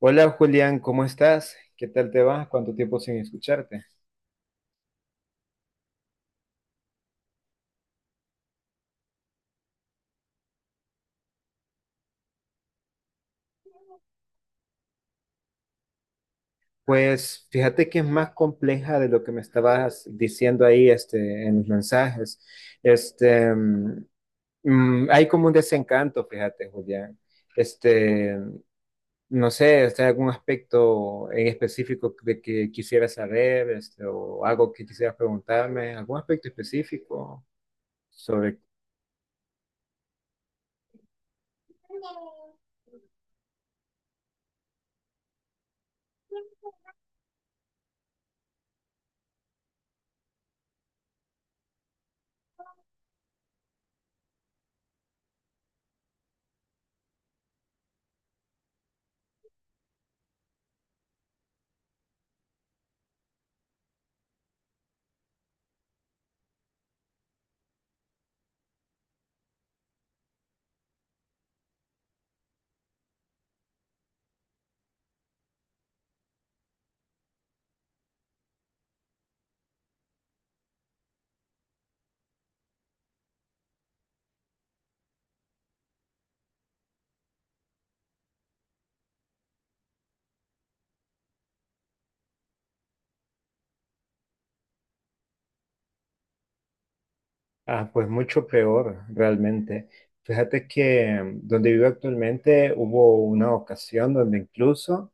Hola Julián, ¿cómo estás? ¿Qué tal te va? ¿Cuánto tiempo sin escucharte? Pues fíjate que es más compleja de lo que me estabas diciendo ahí este, en los mensajes. Este, hay como un desencanto, fíjate Julián. Este, no sé, ¿está algún aspecto en específico de que quisieras saber este, o algo que quisieras preguntarme? ¿Algún aspecto específico sobre…? Ah, pues mucho peor, realmente. Fíjate que donde vivo actualmente hubo una ocasión donde incluso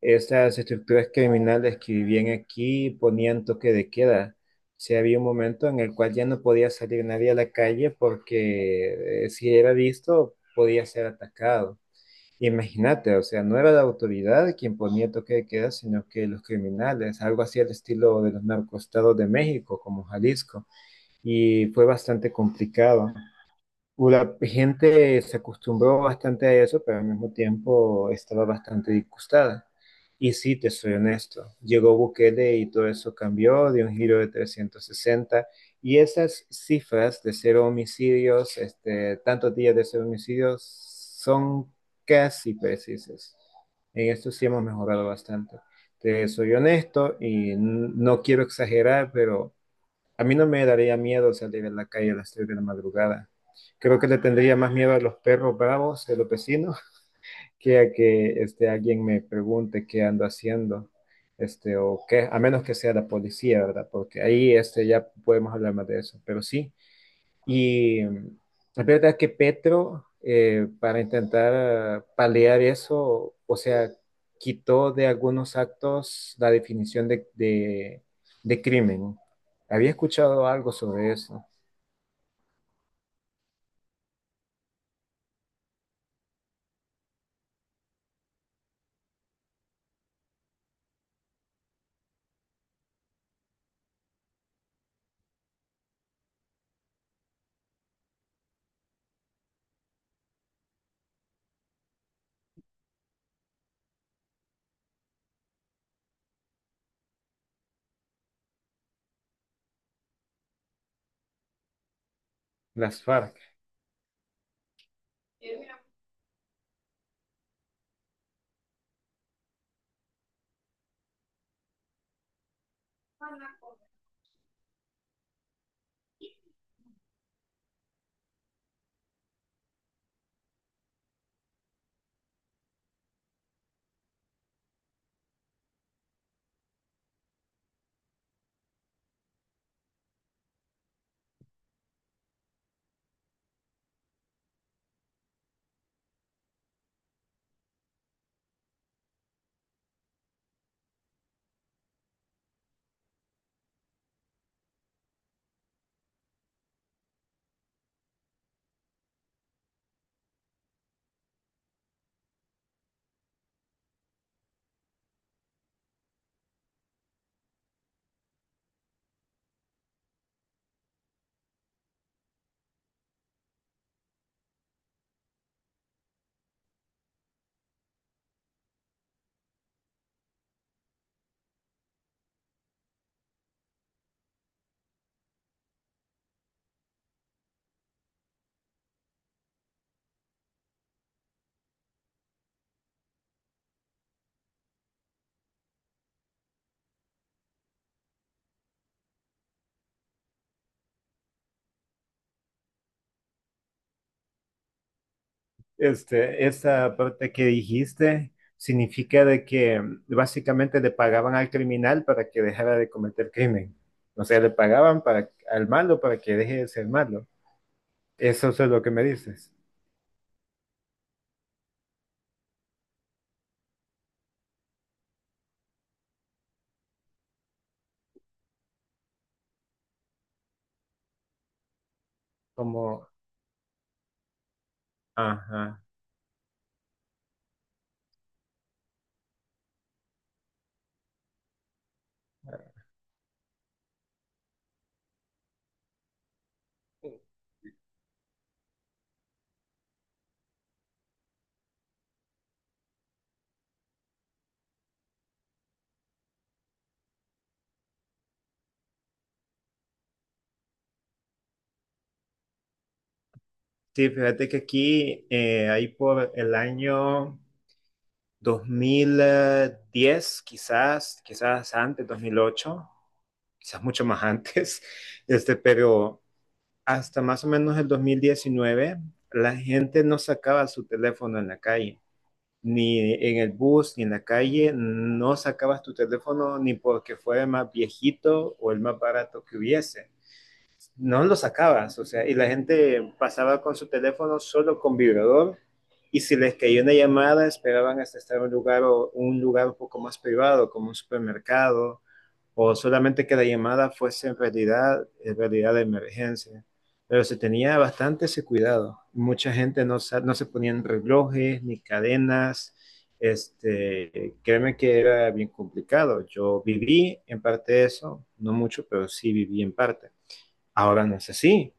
esas estructuras criminales que vivían aquí ponían toque de queda. Si había un momento en el cual ya no podía salir nadie a la calle porque si era visto podía ser atacado. Imagínate, o sea, no era la autoridad quien ponía toque de queda, sino que los criminales, algo así al estilo de los narcoestados de México, como Jalisco, y fue bastante complicado. La gente se acostumbró bastante a eso, pero al mismo tiempo estaba bastante disgustada. Y sí, te soy honesto, llegó Bukele y todo eso cambió, dio un giro de 360, y esas cifras de cero homicidios, este, tantos días de cero homicidios, son casi precisas. En esto sí hemos mejorado bastante. Te soy honesto y no quiero exagerar, pero a mí no me daría miedo salir a la calle a las 3 de la madrugada. Creo que le tendría más miedo a los perros bravos de los vecinos que a que este, alguien me pregunte qué ando haciendo, este, o qué, a menos que sea la policía, ¿verdad? Porque ahí este, ya podemos hablar más de eso. Pero sí, y la verdad es que Petro, para intentar paliar eso, o sea, quitó de algunos actos la definición de crimen. Había escuchado algo sobre eso. Las FARC. Este, esa parte que dijiste significa de que básicamente le pagaban al criminal para que dejara de cometer crimen. O sea, le pagaban para, al malo para que deje de ser malo. Eso es lo que me dices. Como, ajá. Sí, fíjate que aquí, ahí por el año 2010, quizás, quizás antes, 2008, quizás mucho más antes, este, pero hasta más o menos el 2019, la gente no sacaba su teléfono en la calle, ni en el bus, ni en la calle. No sacabas tu teléfono ni porque fuera el más viejito o el más barato que hubiese, no lo sacabas, o sea, y la gente pasaba con su teléfono solo con vibrador, y si les caía una llamada esperaban hasta estar en un lugar o un lugar un poco más privado, como un supermercado, o solamente que la llamada fuese en realidad de emergencia. Pero se tenía bastante ese cuidado. Mucha gente no, no se ponían relojes ni cadenas. Este, créeme que era bien complicado. Yo viví en parte eso, no mucho, pero sí viví en parte. Ahora no es así.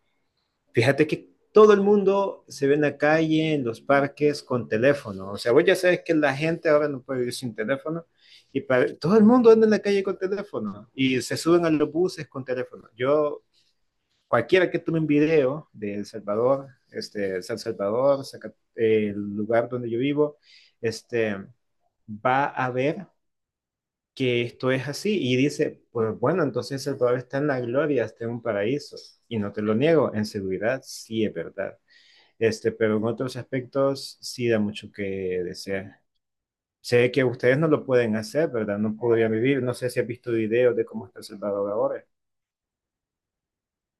Fíjate que todo el mundo se ve en la calle, en los parques, con teléfono. O sea, vos ya sabes que la gente ahora no puede vivir sin teléfono. Y para, todo el mundo anda en la calle con teléfono. Y se suben a los buses con teléfono. Yo, cualquiera que tome un video de El Salvador, este, San Salvador, el lugar donde yo vivo, este, va a ver que esto es así. Y dice, pues bueno, entonces el Padre está en la gloria, está en un paraíso. Y no te lo niego, en seguridad sí es verdad. Este, pero en otros aspectos sí da mucho que desear. Sé que ustedes no lo pueden hacer, ¿verdad? No podrían vivir. No sé si has visto videos de cómo está El Salvador ahora.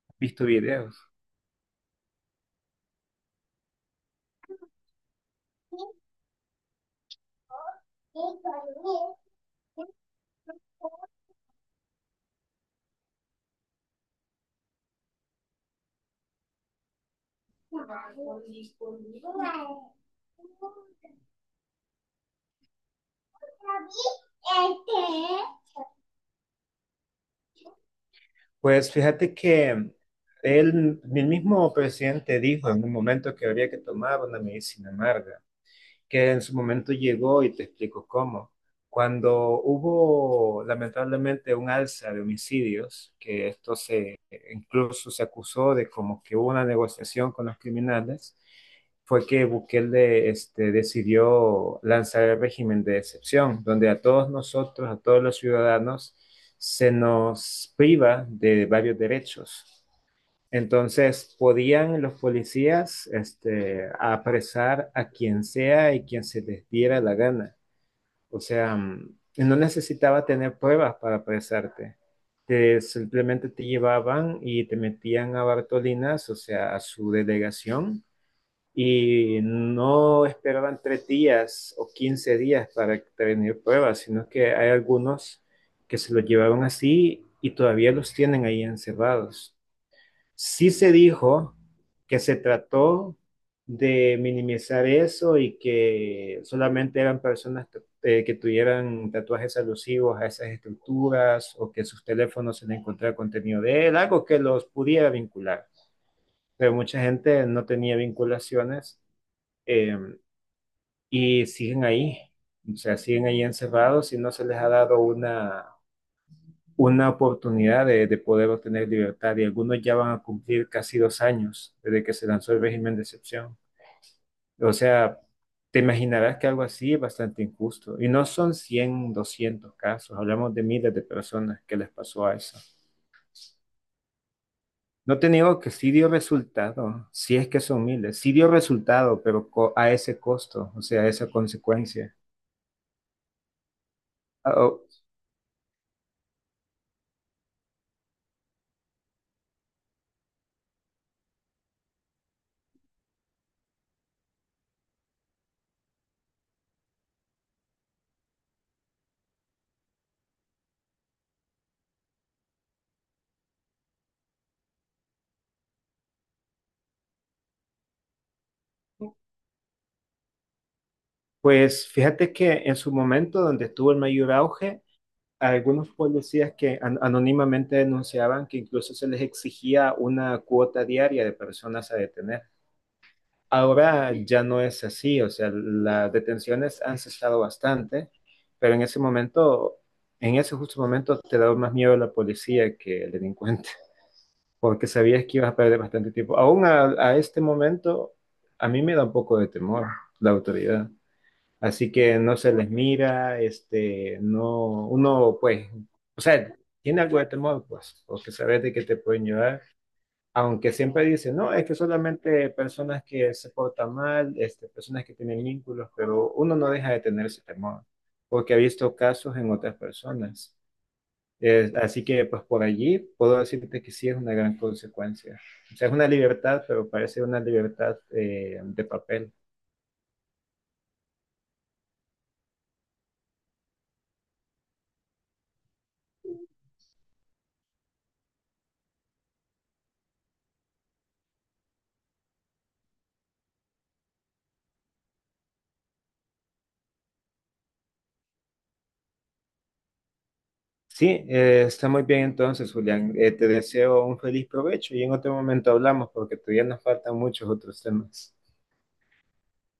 ¿Has visto videos? Pues fíjate que él, el mismo presidente dijo en un momento que habría que tomar una medicina amarga, que en su momento llegó, y te explico cómo. Cuando hubo lamentablemente un alza de homicidios, que esto se, incluso se acusó de como que hubo una negociación con los criminales, fue que Bukele este, decidió lanzar el régimen de excepción, donde a todos nosotros, a todos los ciudadanos, se nos priva de varios derechos. Entonces, podían los policías este, apresar a quien sea y quien se les diera la gana. O sea, no necesitaba tener pruebas para apresarte. Te, simplemente te llevaban y te metían a Bartolinas, o sea, a su delegación, y no esperaban 3 días o 15 días para tener pruebas, sino que hay algunos que se los llevaron así y todavía los tienen ahí encerrados. Sí se dijo que se trató de minimizar eso y que solamente eran personas que tuvieran tatuajes alusivos a esas estructuras o que sus teléfonos se le encontraba contenido de él, algo que los pudiera vincular. Pero mucha gente no tenía vinculaciones, eh, y siguen ahí, o sea, siguen ahí encerrados y no se les ha dado una oportunidad de poder obtener libertad, y algunos ya van a cumplir casi 2 años desde que se lanzó el régimen de excepción. O sea, te imaginarás que algo así es bastante injusto. Y no son cien, 200 casos, hablamos de miles de personas que les pasó a eso. No te niego que sí dio resultado, si es que son miles, sí dio resultado, pero a ese costo, o sea, a esa consecuencia. Ah, oh. Pues fíjate que en su momento donde estuvo el mayor auge, algunos policías anónimamente denunciaban que incluso se les exigía una cuota diaria de personas a detener. Ahora ya no es así, o sea, las detenciones han cesado bastante, pero en ese momento, en ese justo momento, te daba más miedo la policía que el delincuente, porque sabías que ibas a perder bastante tiempo. Aún a este momento, a mí me da un poco de temor la autoridad. Así que no se les mira, este, no, uno pues, o sea, tiene algo de temor, pues, porque sabes de que te pueden llevar, aunque siempre dicen, no, es que solamente personas que se portan mal, este, personas que tienen vínculos, pero uno no deja de tener ese temor, porque ha visto casos en otras personas. Así que pues por allí puedo decirte que sí es una gran consecuencia. O sea, es una libertad, pero parece una libertad de papel. Sí, está muy bien entonces, Julián. Te deseo un feliz provecho y en otro momento hablamos porque todavía nos faltan muchos otros temas.